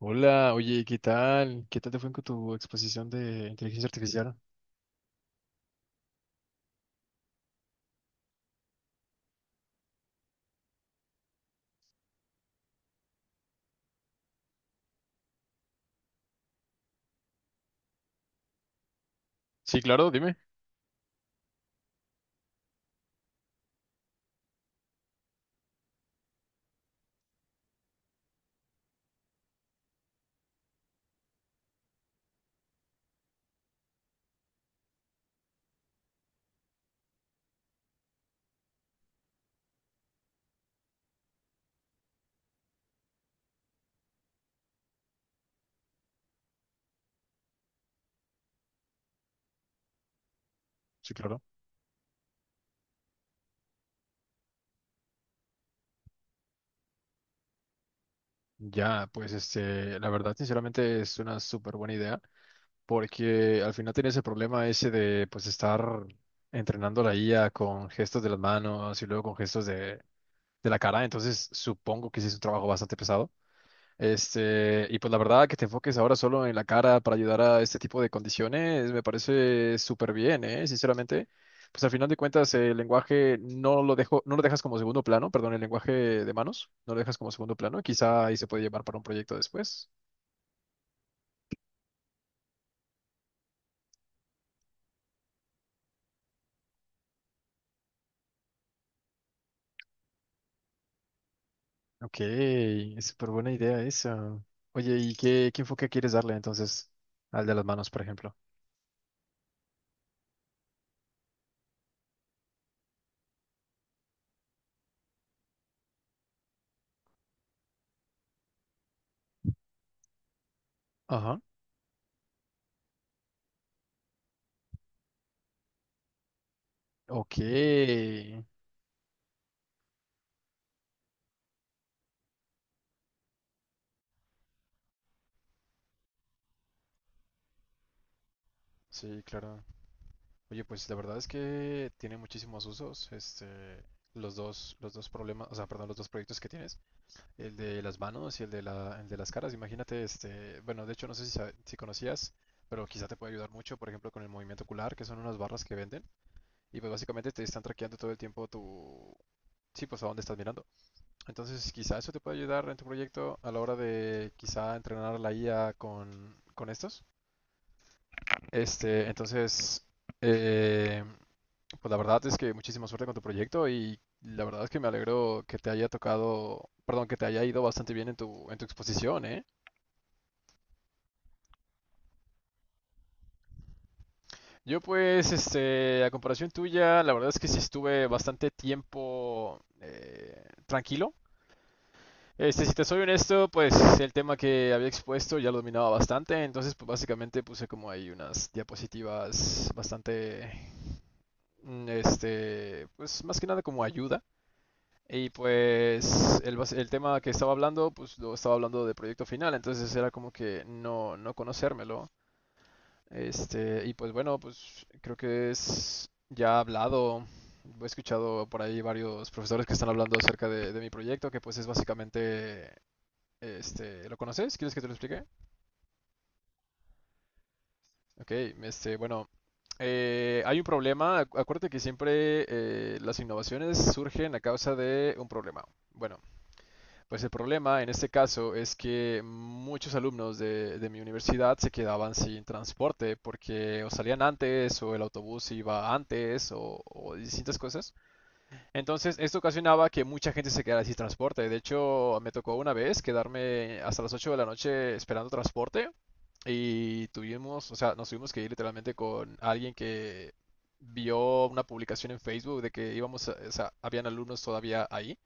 Hola, oye, ¿qué tal? ¿Qué tal te fue con tu exposición de inteligencia artificial? Sí, claro, dime. Sí, claro. Ya, pues la verdad, sinceramente es una súper buena idea, porque al final tienes el problema ese de pues estar entrenando la IA con gestos de las manos y luego con gestos de la cara, entonces supongo que sí es un trabajo bastante pesado. Y pues la verdad que te enfoques ahora solo en la cara para ayudar a este tipo de condiciones me parece súper bien, ¿eh? Sinceramente, pues al final de cuentas el lenguaje no lo dejo, no lo dejas como segundo plano, perdón, el lenguaje de manos, no lo dejas como segundo plano, quizá ahí se puede llevar para un proyecto después. Ok, es súper buena idea esa. Oye, ¿y qué enfoque quieres darle entonces al de las manos, por ejemplo? Ajá. Ok. Sí, claro. Oye, pues la verdad es que tiene muchísimos usos, los dos problemas, o sea, perdón, los dos proyectos que tienes, el de las manos y el el de las caras. Imagínate, bueno, de hecho no sé si conocías, pero quizá te puede ayudar mucho, por ejemplo, con el movimiento ocular, que son unas barras que venden, y pues básicamente te están traqueando todo el tiempo tu, sí, pues a dónde estás mirando. Entonces, quizá eso te puede ayudar en tu proyecto a la hora de quizá entrenar la IA con estos. Entonces, eh, pues la verdad es que muchísima suerte con tu proyecto y la verdad es que me alegro que te haya tocado, perdón, que te haya ido bastante bien en tu exposición, ¿eh? Yo pues, a comparación tuya, la verdad es que sí estuve bastante tiempo tranquilo. Si te soy honesto, pues el tema que había expuesto ya lo dominaba bastante, entonces pues básicamente puse como ahí unas diapositivas bastante, pues más que nada como ayuda. Y pues el tema que estaba hablando, pues lo estaba hablando de proyecto final, entonces era como que no, no conocérmelo. Y pues bueno, pues creo que es ya hablado, he escuchado por ahí varios profesores que están hablando acerca de mi proyecto, que pues es básicamente, ¿lo conoces? ¿Quieres que te lo explique? Ok, bueno, hay un problema, acuérdate que siempre las innovaciones surgen a causa de un problema. Bueno. Pues el problema en este caso es que muchos alumnos de mi universidad se quedaban sin transporte porque o salían antes o el autobús iba antes o distintas cosas. Entonces esto ocasionaba que mucha gente se quedara sin transporte. De hecho, me tocó una vez quedarme hasta las 8 de la noche esperando transporte y tuvimos, o sea, nos tuvimos que ir literalmente con alguien que vio una publicación en Facebook de que íbamos, o sea, habían alumnos todavía ahí.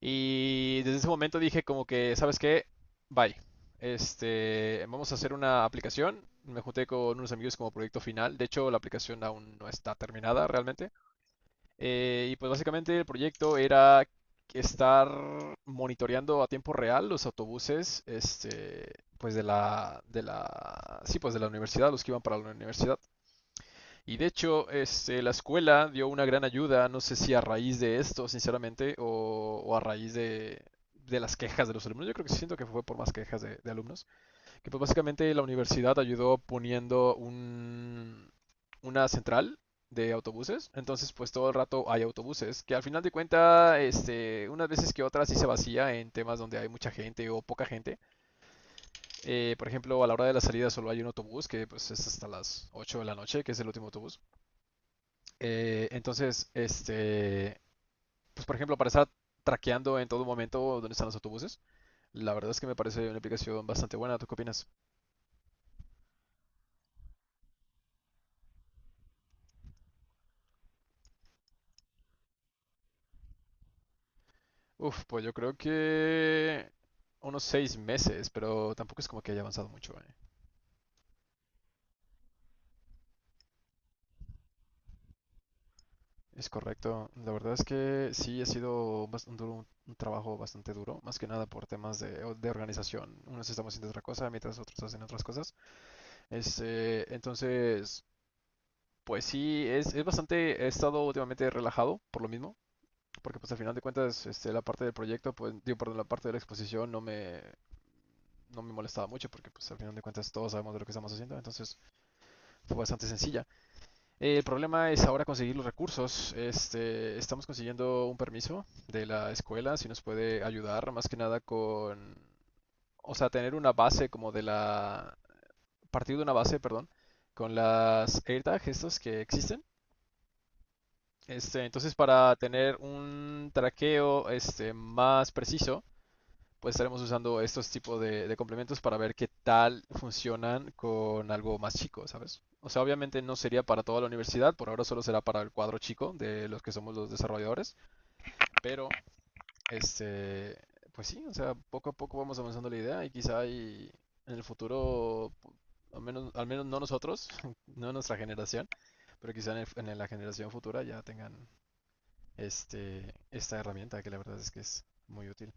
Y desde ese momento dije como que, ¿sabes qué? Bye. Vamos a hacer una aplicación. Me junté con unos amigos como proyecto final. De hecho, la aplicación aún no está terminada realmente. Y pues básicamente el proyecto era estar monitoreando a tiempo real los autobuses, pues sí, pues de la universidad, los que iban para la universidad. Y de hecho, la escuela dio una gran ayuda, no sé si a raíz de esto, sinceramente, o a raíz de las quejas de los alumnos. Yo creo que sí siento que fue por más quejas de alumnos. Que pues básicamente la universidad ayudó poniendo una central de autobuses. Entonces, pues todo el rato hay autobuses. Que al final de cuentas, unas veces que otras sí se vacía en temas donde hay mucha gente o poca gente. Por ejemplo, a la hora de la salida solo hay un autobús que pues es hasta las 8 de la noche, que es el último autobús. Entonces, pues por ejemplo, para estar traqueando en todo momento dónde están los autobuses, la verdad es que me parece una aplicación bastante buena. ¿Tú qué opinas? Uf, pues yo creo que unos seis meses, pero tampoco es como que haya avanzado mucho, ¿eh? Es correcto. La verdad es que sí ha sido un trabajo bastante duro, más que nada por temas de organización. Unos estamos haciendo otra cosa, mientras otros hacen otras cosas. Entonces, pues sí, es bastante, he estado últimamente relajado por lo mismo porque pues al final de cuentas la parte del proyecto, pues digo, perdón, la parte de la exposición no me molestaba mucho porque pues al final de cuentas todos sabemos de lo que estamos haciendo, entonces fue bastante sencilla. El problema es ahora conseguir los recursos. Estamos consiguiendo un permiso de la escuela, si nos puede ayudar más que nada con, o sea, tener una base como de la, partir de una base, perdón, con las AirTag estos que existen. Entonces para tener un traqueo más preciso, pues estaremos usando estos tipos de complementos para ver qué tal funcionan con algo más chico, ¿sabes? O sea, obviamente no sería para toda la universidad, por ahora solo será para el cuadro chico de los que somos los desarrolladores, pero este, pues sí, o sea, poco a poco vamos avanzando la idea y quizá hay en el futuro, al menos no nosotros, no nuestra generación, pero quizá en la generación futura ya tengan esta herramienta que la verdad es que es muy útil.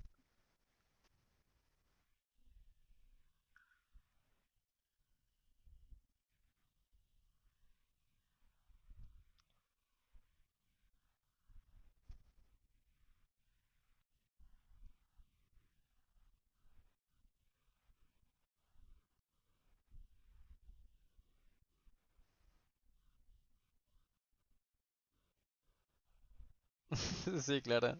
Sí, Clara.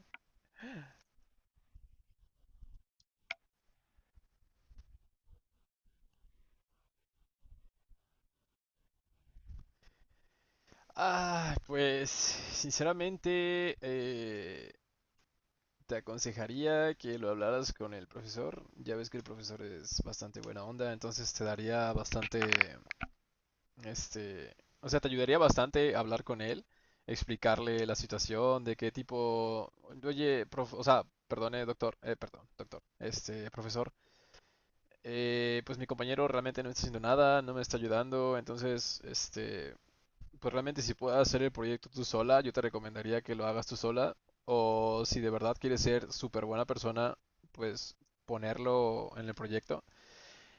Ah, pues sinceramente te aconsejaría que lo hablaras con el profesor. Ya ves que el profesor es bastante buena onda, entonces te daría bastante, este, o sea, te ayudaría bastante hablar con él, explicarle la situación, de qué tipo, oye, prof, o sea, perdone, doctor, perdón, doctor, profesor, pues mi compañero realmente no está haciendo nada, no me está ayudando, entonces, pues realmente si puedes hacer el proyecto tú sola, yo te recomendaría que lo hagas tú sola. O si de verdad quieres ser súper buena persona, pues ponerlo en el proyecto.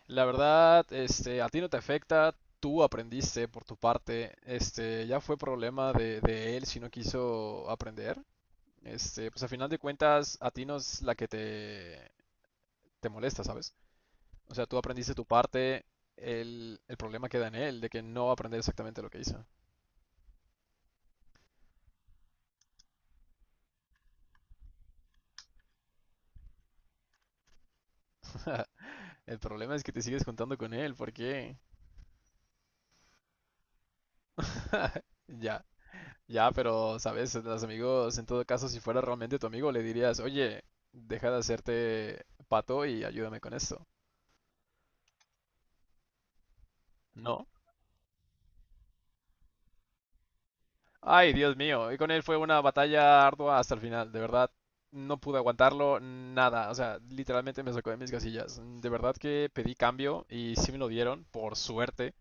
La verdad, a ti no te afecta, tú aprendiste por tu parte, ya fue problema de él si no quiso aprender. Pues a final de cuentas, a ti no es la que te molesta, ¿sabes? O sea, tú aprendiste tu parte, el problema queda en él, de que no va a aprender exactamente lo que hizo. El problema es que te sigues juntando con él, ¿por qué? Ya, ya, pero, ¿sabes? Los amigos, en todo caso, si fuera realmente tu amigo, le dirías, oye, deja de hacerte pato y ayúdame con esto. No. Ay, Dios mío. Y con él fue una batalla ardua hasta el final, de verdad. No pude aguantarlo, nada. O sea, literalmente me sacó de mis casillas. De verdad que pedí cambio y sí me lo dieron, por suerte.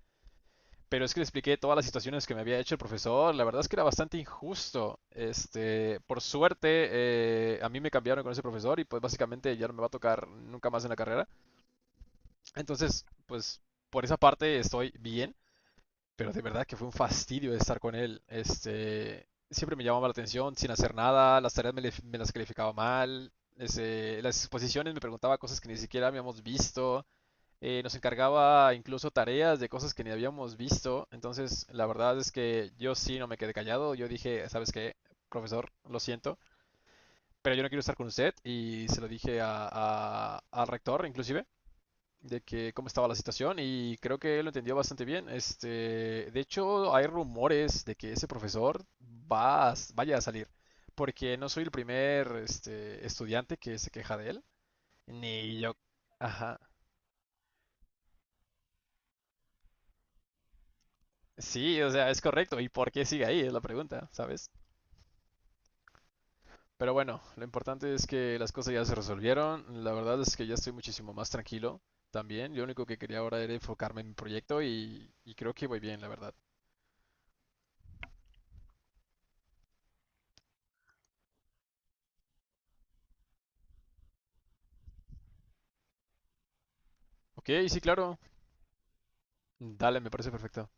Pero es que le expliqué todas las situaciones que me había hecho el profesor. La verdad es que era bastante injusto. Por suerte, a mí me cambiaron con ese profesor y pues básicamente ya no me va a tocar nunca más en la carrera. Entonces, pues por esa parte estoy bien, pero de verdad que fue un fastidio estar con él. Siempre me llamaba la atención sin hacer nada, las tareas me las calificaba mal. Las exposiciones me preguntaba cosas que ni siquiera habíamos visto. Nos encargaba incluso tareas de cosas que ni habíamos visto. Entonces, la verdad es que yo sí no me quedé callado. Yo dije, ¿sabes qué, profesor? Lo siento, pero yo no quiero estar con usted. Y se lo dije al rector, inclusive, de que cómo estaba la situación. Y creo que él lo entendió bastante bien. De hecho, hay rumores de que ese profesor vaya a salir. Porque no soy el primer estudiante que se queja de él. Ni yo. Ajá. Sí, o sea, es correcto. ¿Y por qué sigue ahí? Es la pregunta, ¿sabes? Pero bueno, lo importante es que las cosas ya se resolvieron. La verdad es que ya estoy muchísimo más tranquilo también. Lo único que quería ahora era enfocarme en mi proyecto y creo que voy bien, la verdad. Ok, sí, claro. Dale, me parece perfecto.